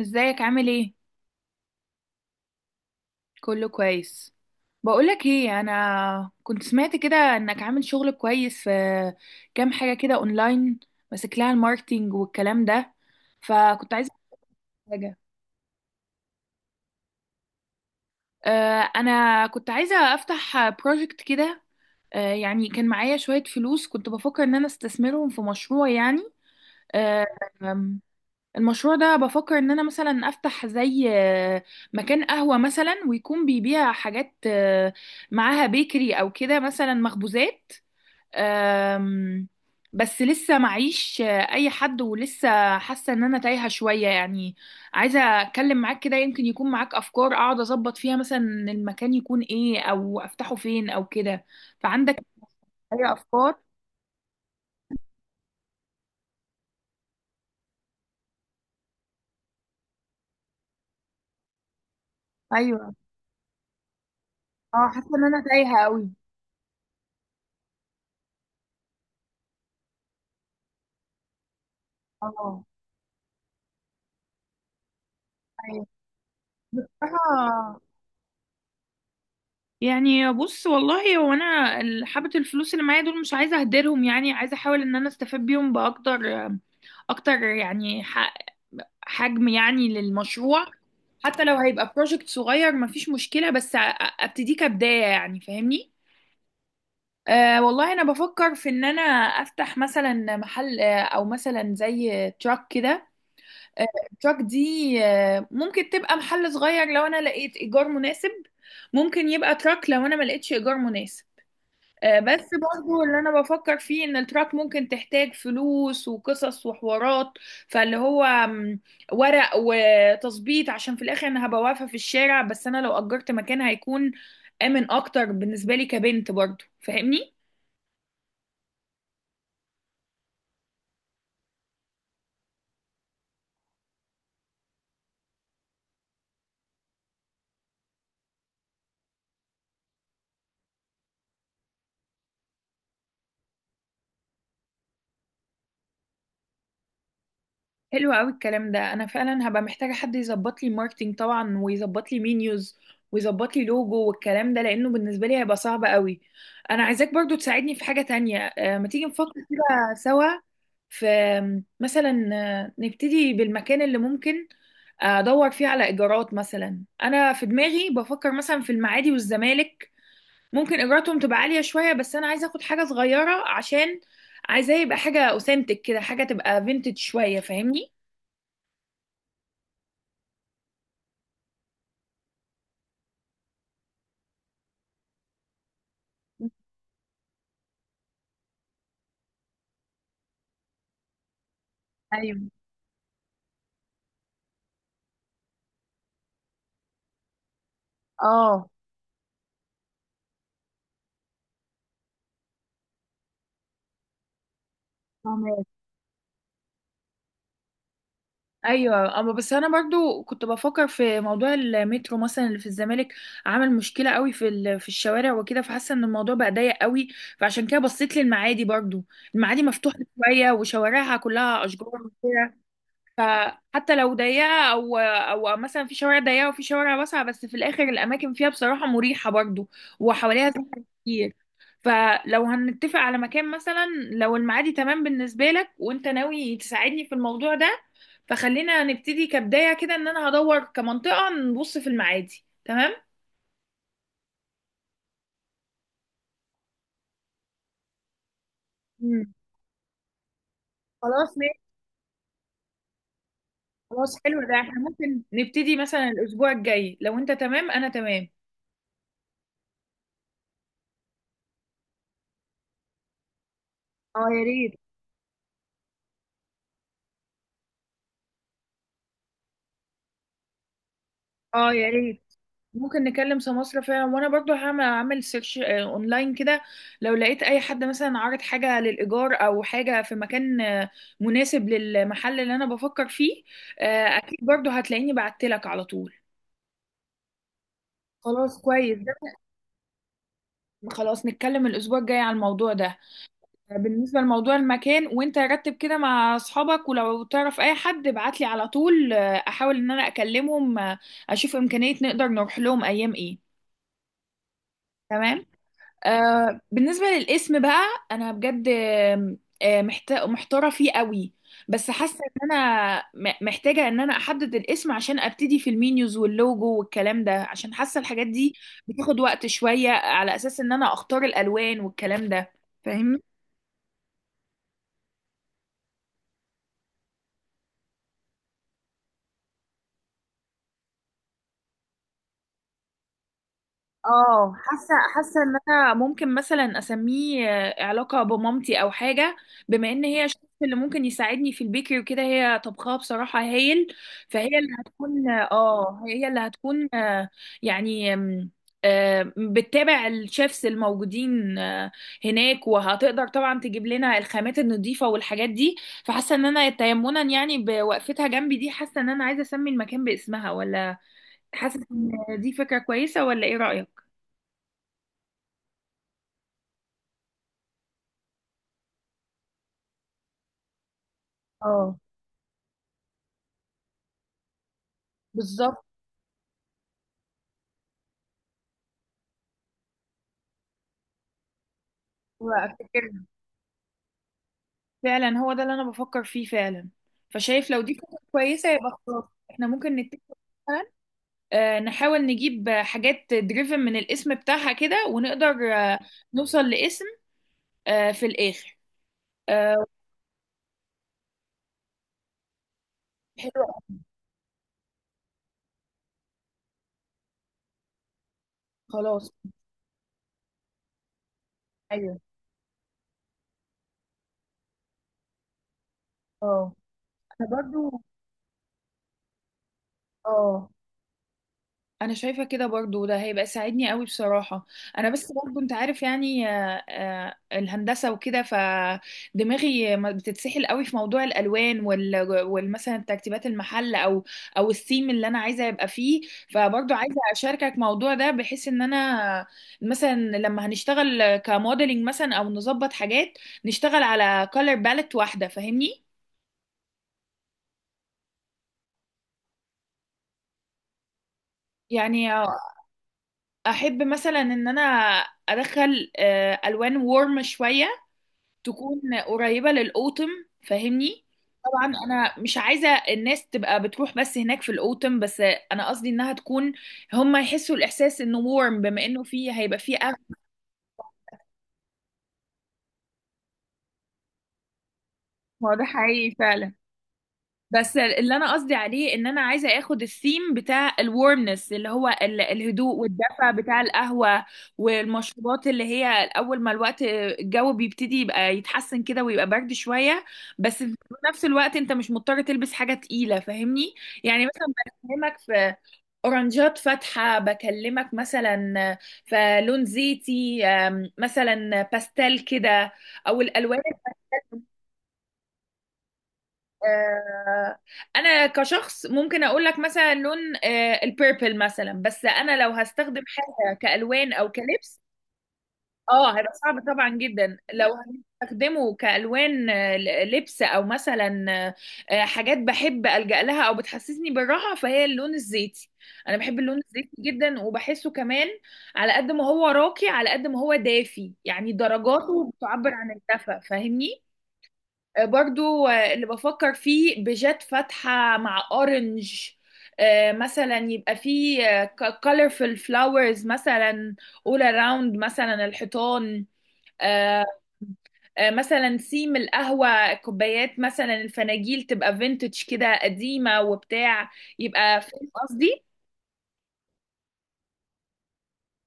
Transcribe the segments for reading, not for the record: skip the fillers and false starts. ازيك، عامل ايه؟ كله كويس. بقولك ايه، انا كنت سمعت كده انك عامل شغل كويس في كام حاجه كده اونلاين، ماسك لها الماركتينج والكلام ده. فكنت عايزه أعرف حاجه. انا كنت عايزه افتح بروجكت كده. يعني كان معايا شويه فلوس، كنت بفكر ان انا استثمرهم في مشروع يعني. آه، المشروع ده بفكر ان انا مثلا افتح زي مكان قهوة مثلا، ويكون بيبيع حاجات معاها بيكري او كده مثلا مخبوزات. آم، بس لسه معيش اي حد، ولسه حاسة ان انا تايهة شوية يعني. عايزة اتكلم معاك كده، يمكن يكون معاك افكار اقعد اظبط فيها، مثلا المكان يكون ايه او افتحه فين او كده. فعندك اي افكار؟ ايوه. اه، حاسة ان انا تايهة قوي. اه. أيوة. بصراحة، يعني بص والله، هو انا حبة الفلوس اللي معايا دول مش عايزة اهدرهم، يعني عايزة احاول ان انا استفاد بيهم باكتر اكتر، يعني حجم يعني للمشروع. حتى لو هيبقى بروجكت صغير مفيش مشكلة، بس ابتديه كبداية، يعني فاهمني. والله انا بفكر في ان انا افتح مثلا محل، او مثلا زي تراك كده. آه، التراك دي ممكن تبقى محل صغير لو انا لقيت ايجار مناسب، ممكن يبقى تراك لو انا ما لقيتش ايجار مناسب. بس برضو اللي انا بفكر فيه ان التراك ممكن تحتاج فلوس وقصص وحوارات، فاللي هو ورق وتظبيط، عشان في الاخر انا هبقى واقفة في الشارع، بس انا لو اجرت مكان هيكون امن اكتر بالنسبة لي كبنت، برضو فاهمني. حلو قوي الكلام ده، انا فعلا هبقى محتاجه حد يظبط لي ماركتينج طبعا، ويظبط لي مينيوز ويظبط لي لوجو والكلام ده، لانه بالنسبه لي هيبقى صعب قوي. انا عايزاك برضو تساعدني في حاجه تانية، ما تيجي نفكر كده سوا في مثلا نبتدي بالمكان اللي ممكن ادور فيه على ايجارات، مثلا انا في دماغي بفكر مثلا في المعادي والزمالك. ممكن ايجاراتهم تبقى عاليه شويه، بس انا عايزه اخد حاجه صغيره، عشان عايزاه يبقى حاجه اوثنتك كده، حاجه تبقى فينتج شويه، فاهمني؟ ايوه. اه. فاهمة؟ ايوه، اما بس انا برضو كنت بفكر في موضوع المترو مثلا اللي في الزمالك، عامل مشكله قوي في في الشوارع وكده، فحاسه ان الموضوع بقى ضيق قوي. فعشان كده بصيت للمعادي برضو. المعادي مفتوحه شويه وشوارعها كلها اشجار وكده، فحتى لو ضيقة أو مثلا في شوارع ضيقة وفي شوارع واسعة، بس في الآخر الأماكن فيها بصراحة مريحة برضو، وحواليها زحمة كتير. فلو هنتفق على مكان مثلا، لو المعادي تمام بالنسبة لك وأنت ناوي تساعدني في الموضوع ده، فخلينا نبتدي كبداية كده، إن أنا هدور كمنطقة نبص في المعادي، تمام؟ مم. خلاص ماشي. خلاص حلو ده، احنا ممكن نبتدي مثلا الأسبوع الجاي لو أنت تمام أنا تمام. اه يا ريت. اه يا ريت. ممكن نكلم سماسرة فعلا، وانا برضو اعمل سيرش اونلاين كده. لو لقيت اي حد مثلا عارض حاجة للايجار او حاجة في مكان مناسب للمحل اللي انا بفكر فيه، اكيد برضو هتلاقيني بعتلك على طول. خلاص كويس ده. خلاص نتكلم الاسبوع الجاي على الموضوع ده. بالنسبة لموضوع المكان، وانت رتب كده مع اصحابك، ولو تعرف اي حد ابعتلي على طول، احاول ان انا اكلمهم، اشوف امكانية نقدر نروح لهم ايام ايه. تمام. بالنسبة للاسم بقى. أنا بجد محتارة فيه قوي. بس حاسة إن أنا محتاجة إن أنا أحدد الاسم، عشان أبتدي في المينيوز واللوجو والكلام ده، عشان حاسة الحاجات دي بتاخد وقت شوية، على أساس إن أنا أختار الألوان والكلام ده، فاهمني؟ اه، حاسه ان انا ممكن مثلا اسميه علاقه بمامتي او حاجه، بما ان هي الشخص اللي ممكن يساعدني في البيكري وكده، هي طبخها بصراحه هايل. فهي اللي هتكون، اه، هي اللي هتكون، يعني بتتابع الشيفs الموجودين هناك، وهتقدر طبعا تجيب لنا الخامات النظيفه والحاجات دي. فحاسه ان انا تيمنا يعني بوقفتها جنبي دي، حاسه ان انا عايزه اسمي المكان باسمها، ولا حاسه ان دي فكره كويسه، ولا ايه رايك؟ اه، بالظبط. وافتكرها فعلا. هو ده اللي انا بفكر فيه فعلا. فشايف لو دي فكرة كويسة يبقى خلاص. احنا ممكن نتفق مثلا، نحاول نجيب حاجات دريفن من الاسم بتاعها كده، ونقدر نوصل لاسم في الاخر. آه، حلو أوي. خلاص. ايوه. اه، انا برضو. اه، انا شايفه كده برضو، ده هيبقى ساعدني قوي بصراحه. انا بس برضو، انت عارف يعني، الهندسه وكده، فدماغي ما بتتسحل قوي في موضوع الالوان والمثلا ترتيبات المحل او الثيم اللي انا عايزه يبقى فيه. فبرضو عايزه اشاركك موضوع ده، بحيث ان انا مثلا لما هنشتغل كموديلنج مثلا او نظبط حاجات، نشتغل على كولر باليت واحده، فاهمني. يعني احب مثلا ان انا ادخل الوان وورم شويه، تكون قريبة للأوتم، فاهمني. طبعا انا مش عايزة الناس تبقى بتروح بس هناك في الأوتم، بس انا قصدي انها تكون، هم يحسوا الاحساس انه warm، بما انه فيه هيبقى فيه اغلى. هو ده حقيقي فعلا. بس اللي انا قصدي عليه، ان انا عايزه اخد الثيم بتاع الورمنس، اللي هو الهدوء والدفى بتاع القهوه والمشروبات، اللي هي اول ما الوقت الجو بيبتدي يبقى يتحسن كده ويبقى برد شويه، بس في نفس الوقت انت مش مضطر تلبس حاجه تقيله، فاهمني. يعني مثلا بكلمك في اورنجات فاتحه، بكلمك مثلا في لون زيتي مثلا باستيل كده، او الالوان. آه، انا كشخص ممكن اقول لك مثلا لون البيربل مثلا، بس انا لو هستخدم حاجه كالوان او كلبس، اه هيبقى صعب طبعا جدا لو هستخدمه كالوان لبس، او مثلا حاجات بحب الجا لها او بتحسسني بالراحه، فهي اللون الزيتي. انا بحب اللون الزيتي جدا وبحسه كمان، على قد ما هو راقي على قد ما هو دافي، يعني درجاته بتعبر عن الدفى، فاهمني. برضو اللي بفكر فيه بيجات فاتحة مع اورنج، مثلا يبقى فيه colorful flowers مثلا all around مثلا الحيطان. آه، مثلا سيم القهوة كوبايات، مثلا الفناجيل تبقى vintage كده قديمة وبتاع، يبقى فاهم قصدي.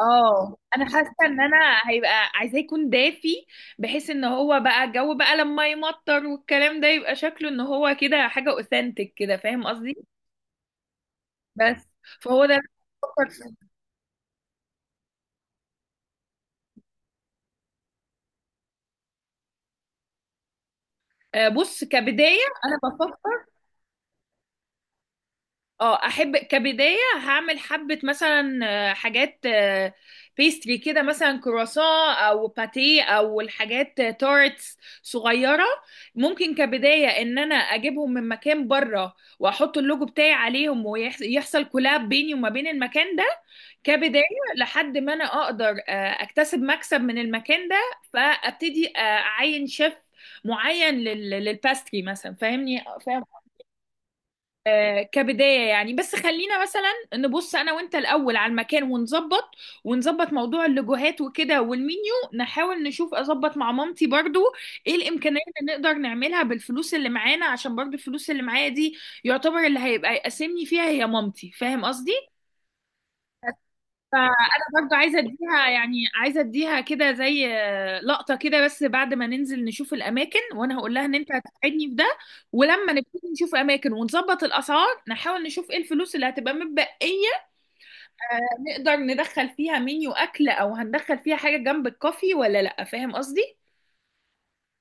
اه، انا حاسه ان انا هيبقى عايزاه يكون دافي، بحيث ان هو بقى الجو بقى لما يمطر والكلام ده، يبقى شكله ان هو كده حاجه اوثنتك كده، فاهم قصدي. بس، فهو ده اللي أنا بفكر فيه. بص كبدايه. انا بفكر، اه احب كبدايه، هعمل حبه مثلا حاجات بيستري كده، مثلا كرواسون او باتيه او الحاجات، تارتس صغيره. ممكن كبدايه ان انا اجيبهم من مكان بره، واحط اللوجو بتاعي عليهم، ويحصل كولاب بيني وما بين المكان ده كبدايه، لحد ما انا اقدر اكتسب مكسب من المكان ده، فابتدي اعين شيف معين للباستري مثلا، فاهمني فاهم. كبداية يعني، بس خلينا مثلا نبص أنا وأنت الأول على المكان ونظبط موضوع اللوجوهات وكده والمنيو، نحاول نشوف أظبط مع مامتي برضو إيه الإمكانيات اللي نقدر نعملها بالفلوس اللي معانا، عشان برضو الفلوس اللي معايا دي يعتبر اللي هيبقى يقسمني فيها هي مامتي، فاهم قصدي؟ فانا برضو عايزه اديها، يعني عايزه اديها كده زي لقطه كده، بس بعد ما ننزل نشوف الاماكن وانا هقول لها ان انت هتساعدني في ده. ولما نبتدي نشوف اماكن ونظبط الاسعار، نحاول نشوف ايه الفلوس اللي هتبقى متبقيه، آه، نقدر ندخل فيها منيو اكل، او هندخل فيها حاجه جنب الكوفي ولا لا، فاهم قصدي.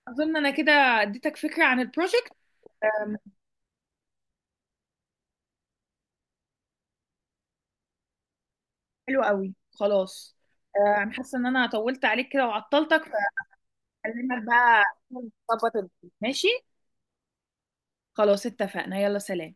اظن انا كده اديتك فكره عن البروجكت. آم، حلو قوي، خلاص. انا حاسه ان انا طولت عليك كده وعطلتك. فاكلمك بقى، نظبط الدنيا. ماشي. خلاص اتفقنا، يلا سلام.